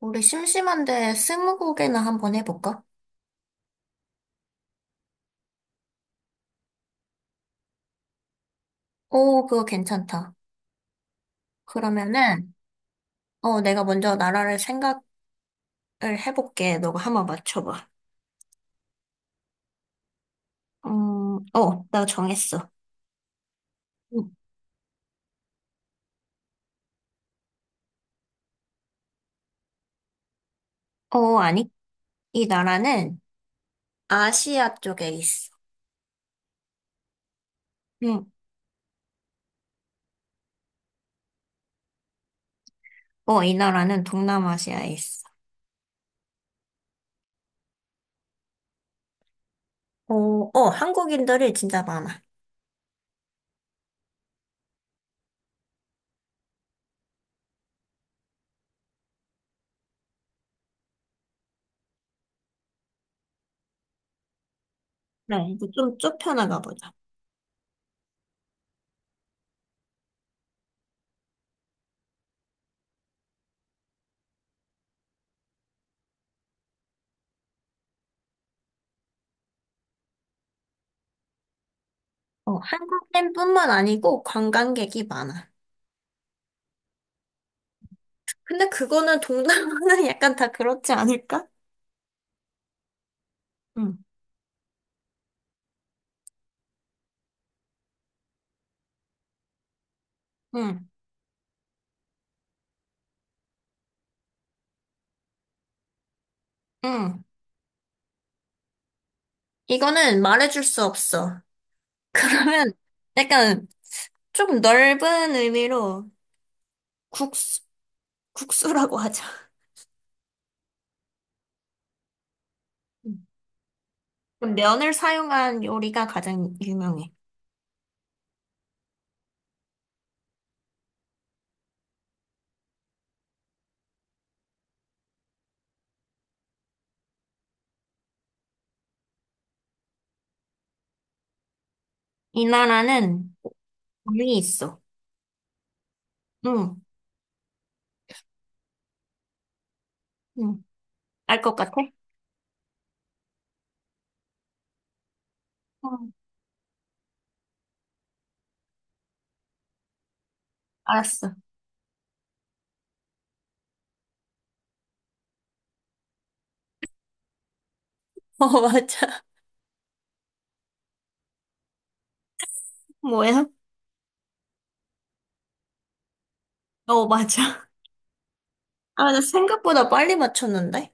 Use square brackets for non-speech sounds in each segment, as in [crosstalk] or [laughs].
우리 심심한데 스무고개나 한번 해볼까? 오, 그거 괜찮다. 그러면은, 내가 먼저 나라를 생각을 해볼게. 너가 한번 맞춰봐. 음, 나 정했어. 음, 아니. 이 나라는 아시아 쪽에 있어. 응. 어, 이 나라는 동남아시아에 있어. 어, 한국인들이 진짜 많아. 네, 이제 좀 좁혀나가 보자. 어, 한국인뿐만 아니고 관광객이 많아. 근데 그거는 동남아는 [laughs] 약간 다 그렇지 않을까? 응. 응, 응. 이거는 말해줄 수 없어. [laughs] 그러면 약간 조금 넓은 의미로 국수, 국수라고 하자. 음. 면을 사용한 요리가 가장 유명해. 이 나라는 면이 있어. 응, 응. 알 것 같아? 응. 알았어. [laughs] 어, 맞아. 뭐야? 어, 맞아. 아, 나 생각보다 빨리 맞췄는데?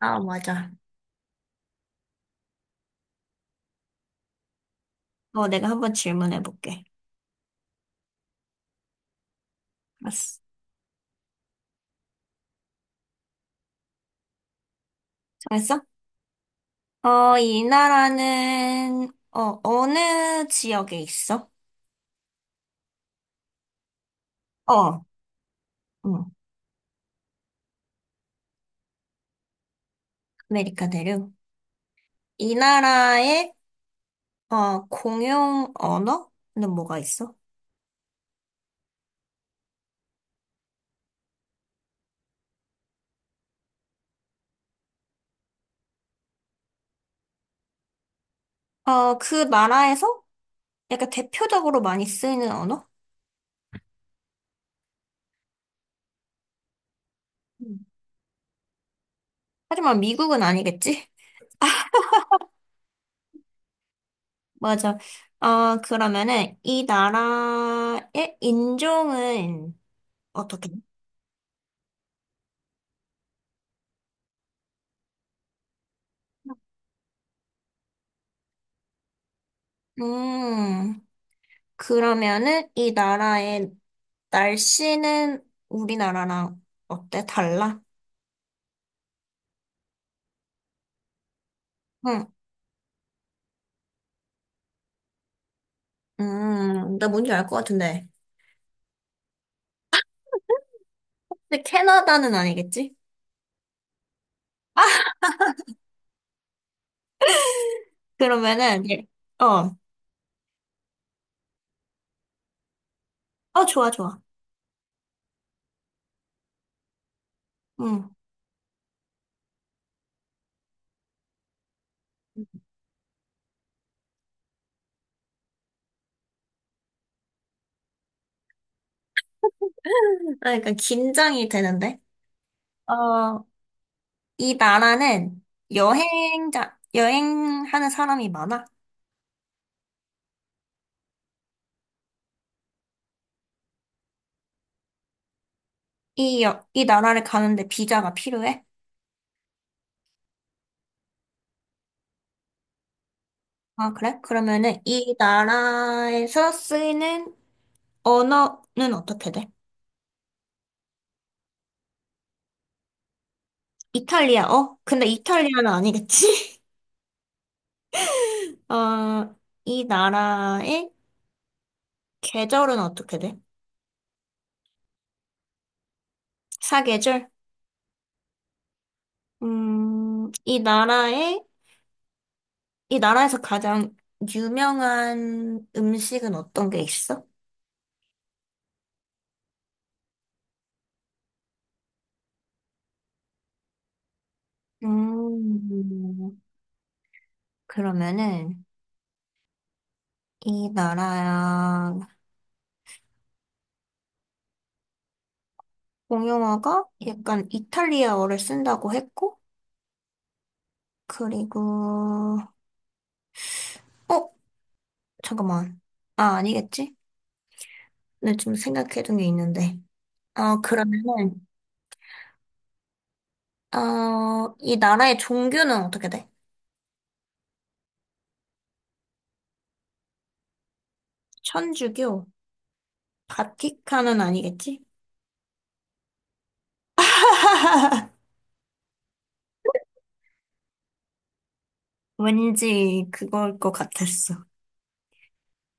아, 맞아. 어, 내가 한번 질문해볼게. 알았어. 잘했어? 이 나라는, 어느 지역에 있어? 어, 응, 아메리카 대륙. 이 나라의, 공용 언어는 뭐가 있어? 어, 그 나라에서 약간 대표적으로 많이 쓰이는 언어? 음. 하지만 미국은 아니겠지? [laughs] 맞아. 그러면은, 이 나라의 인종은 어떻게? 음, 그러면은 이 나라의 날씨는 우리나라랑 어때? 달라? 응. 나 뭔지 알 것 같은데. 근데 캐나다는 아니겠지? [laughs] 그러면은 예. 어. 어, 좋아, 좋아. 응. 아, 그러니까 긴장이 되는데. 어, 이 나라는 여행자 여행하는 사람이 많아? 이, 이 나라를 가는데 비자가 필요해? 아, 그래? 그러면은 이 나라에서 쓰이는 언어는 어떻게 돼? 이탈리아, 어? 근데 이탈리아는 아니겠지? [laughs] 어, 이 나라의 계절은 어떻게 돼? 사계절? 이 나라의, 이 나라에서 가장 유명한 음식은 어떤 게 있어? 음, 그러면은, 이 나라야, 공용어가 약간 이탈리아어를 쓴다고 했고, 그리고, 어? 잠깐만. 아, 아니겠지? 내가 지금 생각해둔 게 있는데. 어, 그러면은, 이 나라의 종교는 어떻게 돼? 천주교? 바티칸은 아니겠지? [laughs] 왠지 그걸 것 같았어.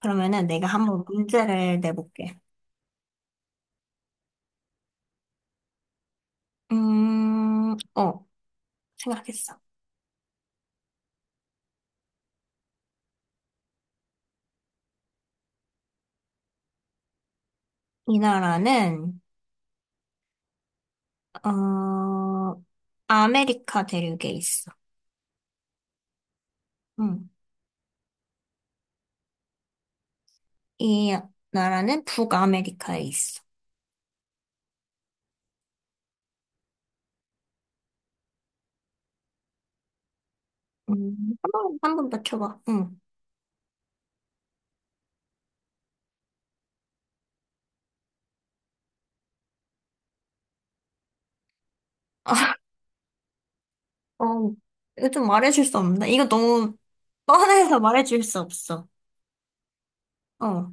그러면은 내가 한번 문제를 내볼게. 음, 어, 생각했어. 이 나라는, 어, 아메리카 대륙에 있어. 응. 이 나라는 북아메리카에 있어. 한번 맞춰봐. 응. [laughs] 어, 이거 좀 말해줄 수 없나? 이거 너무 뻔해서 말해줄 수 없어. 어,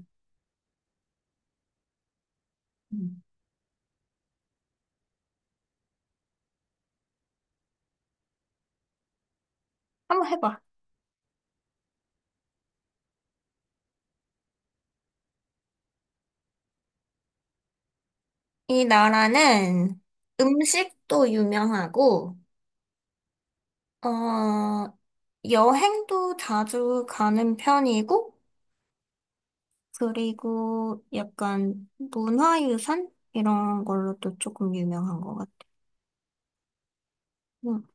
음. 한번 해봐. 이 나라는 음식도 유명하고, 어, 여행도 자주 가는 편이고, 그리고 약간 문화유산? 이런 걸로도 조금 유명한 것 같아. 음.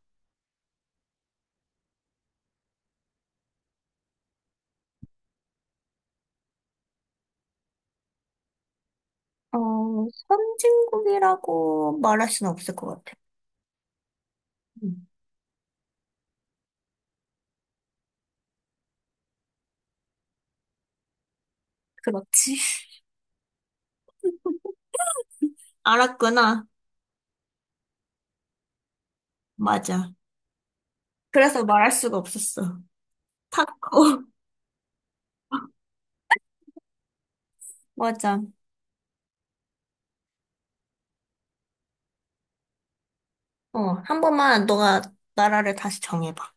어, 선진국이라고 말할 수는 없을 것 같아. 음, 그렇지. [laughs] 알았구나. 맞아. 그래서 말할 수가 없었어. 타코. [laughs] 맞아. 어, 한 번만 너가 나라를 다시 정해봐.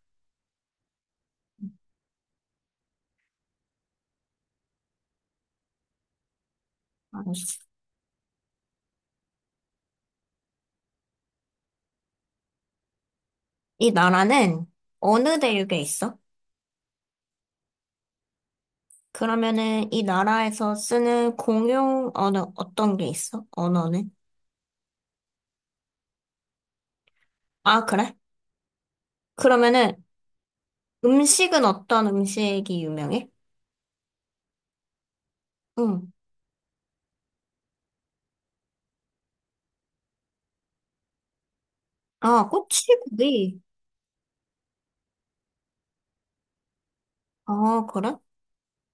알았어. 이 나라는 어느 대륙에 있어? 그러면은 이 나라에서 쓰는 공용 언어 어떤 게 있어? 언어는? 아, 그래? 그러면은 음식은 어떤 음식이 유명해? 응. 아, 꼬치구이. 아, 그래?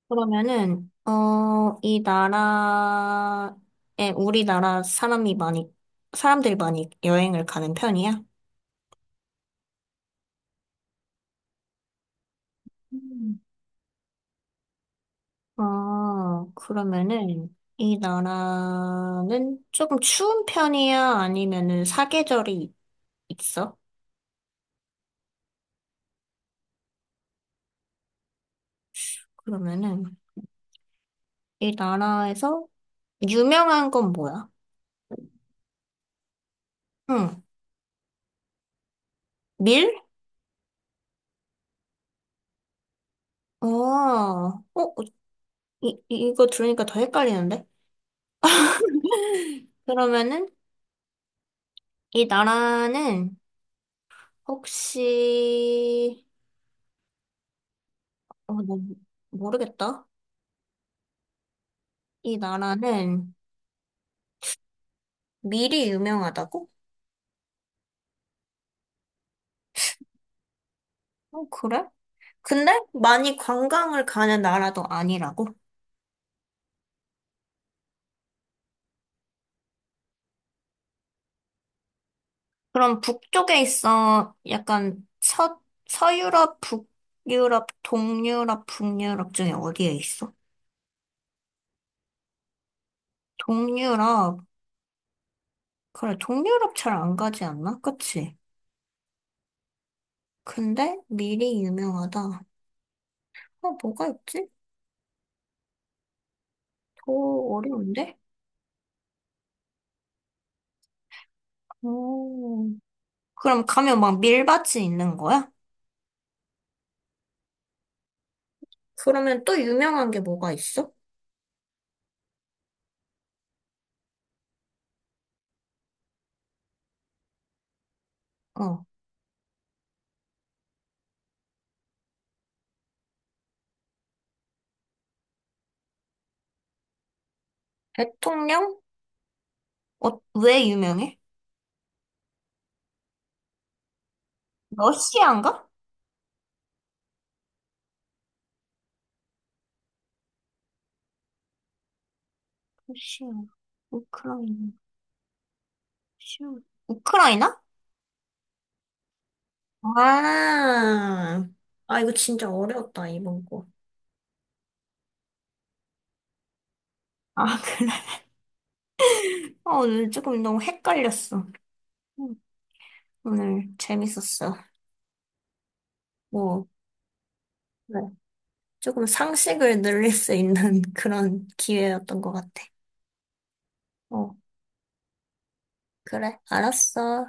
그러면은, 이 나라에 우리나라 사람이 많이, 사람들이 많이 여행을 가는 편이야? 음. 아, 그러면은, 이 나라는 조금 추운 편이야? 아니면은 사계절이 있어? 그러면은, 이 나라에서 유명한 건 뭐야? 응, 밀? 어, 어, 이, 이거 들으니까 더 헷갈리는데? [laughs] 그러면은, 이 나라는 혹시, 어, 나 모르겠다. 이 나라는 미리 유명하다고? 어, 그래? 근데 많이 관광을 가는 나라도 아니라고? 그럼 북쪽에 있어. 약간 서유럽, 북유럽, 동유럽, 북유럽 중에 어디에 있어? 동유럽. 그래, 동유럽 잘 안 가지 않나? 그치? 근데 미리 유명하다. 어, 뭐가 있지? 더 어려운데? 오. 그럼 가면 막 밀밭이 있는 거야? 그러면 또 유명한 게 뭐가 있어? 어. 대통령? 어, 왜 유명해? 러시아인가? 러시아, 우크라이나, 러시아. 우크라이나? 아, 아, 이거 진짜 어려웠다, 이번 거. 아, 그래. 어, 오늘 조금 너무 헷갈렸어. 음, 오늘 재밌었어. 뭐, 네. 조금 상식을 늘릴 수 있는 [laughs] 그런 기회였던 것 같아. 어, 그래, 알았어.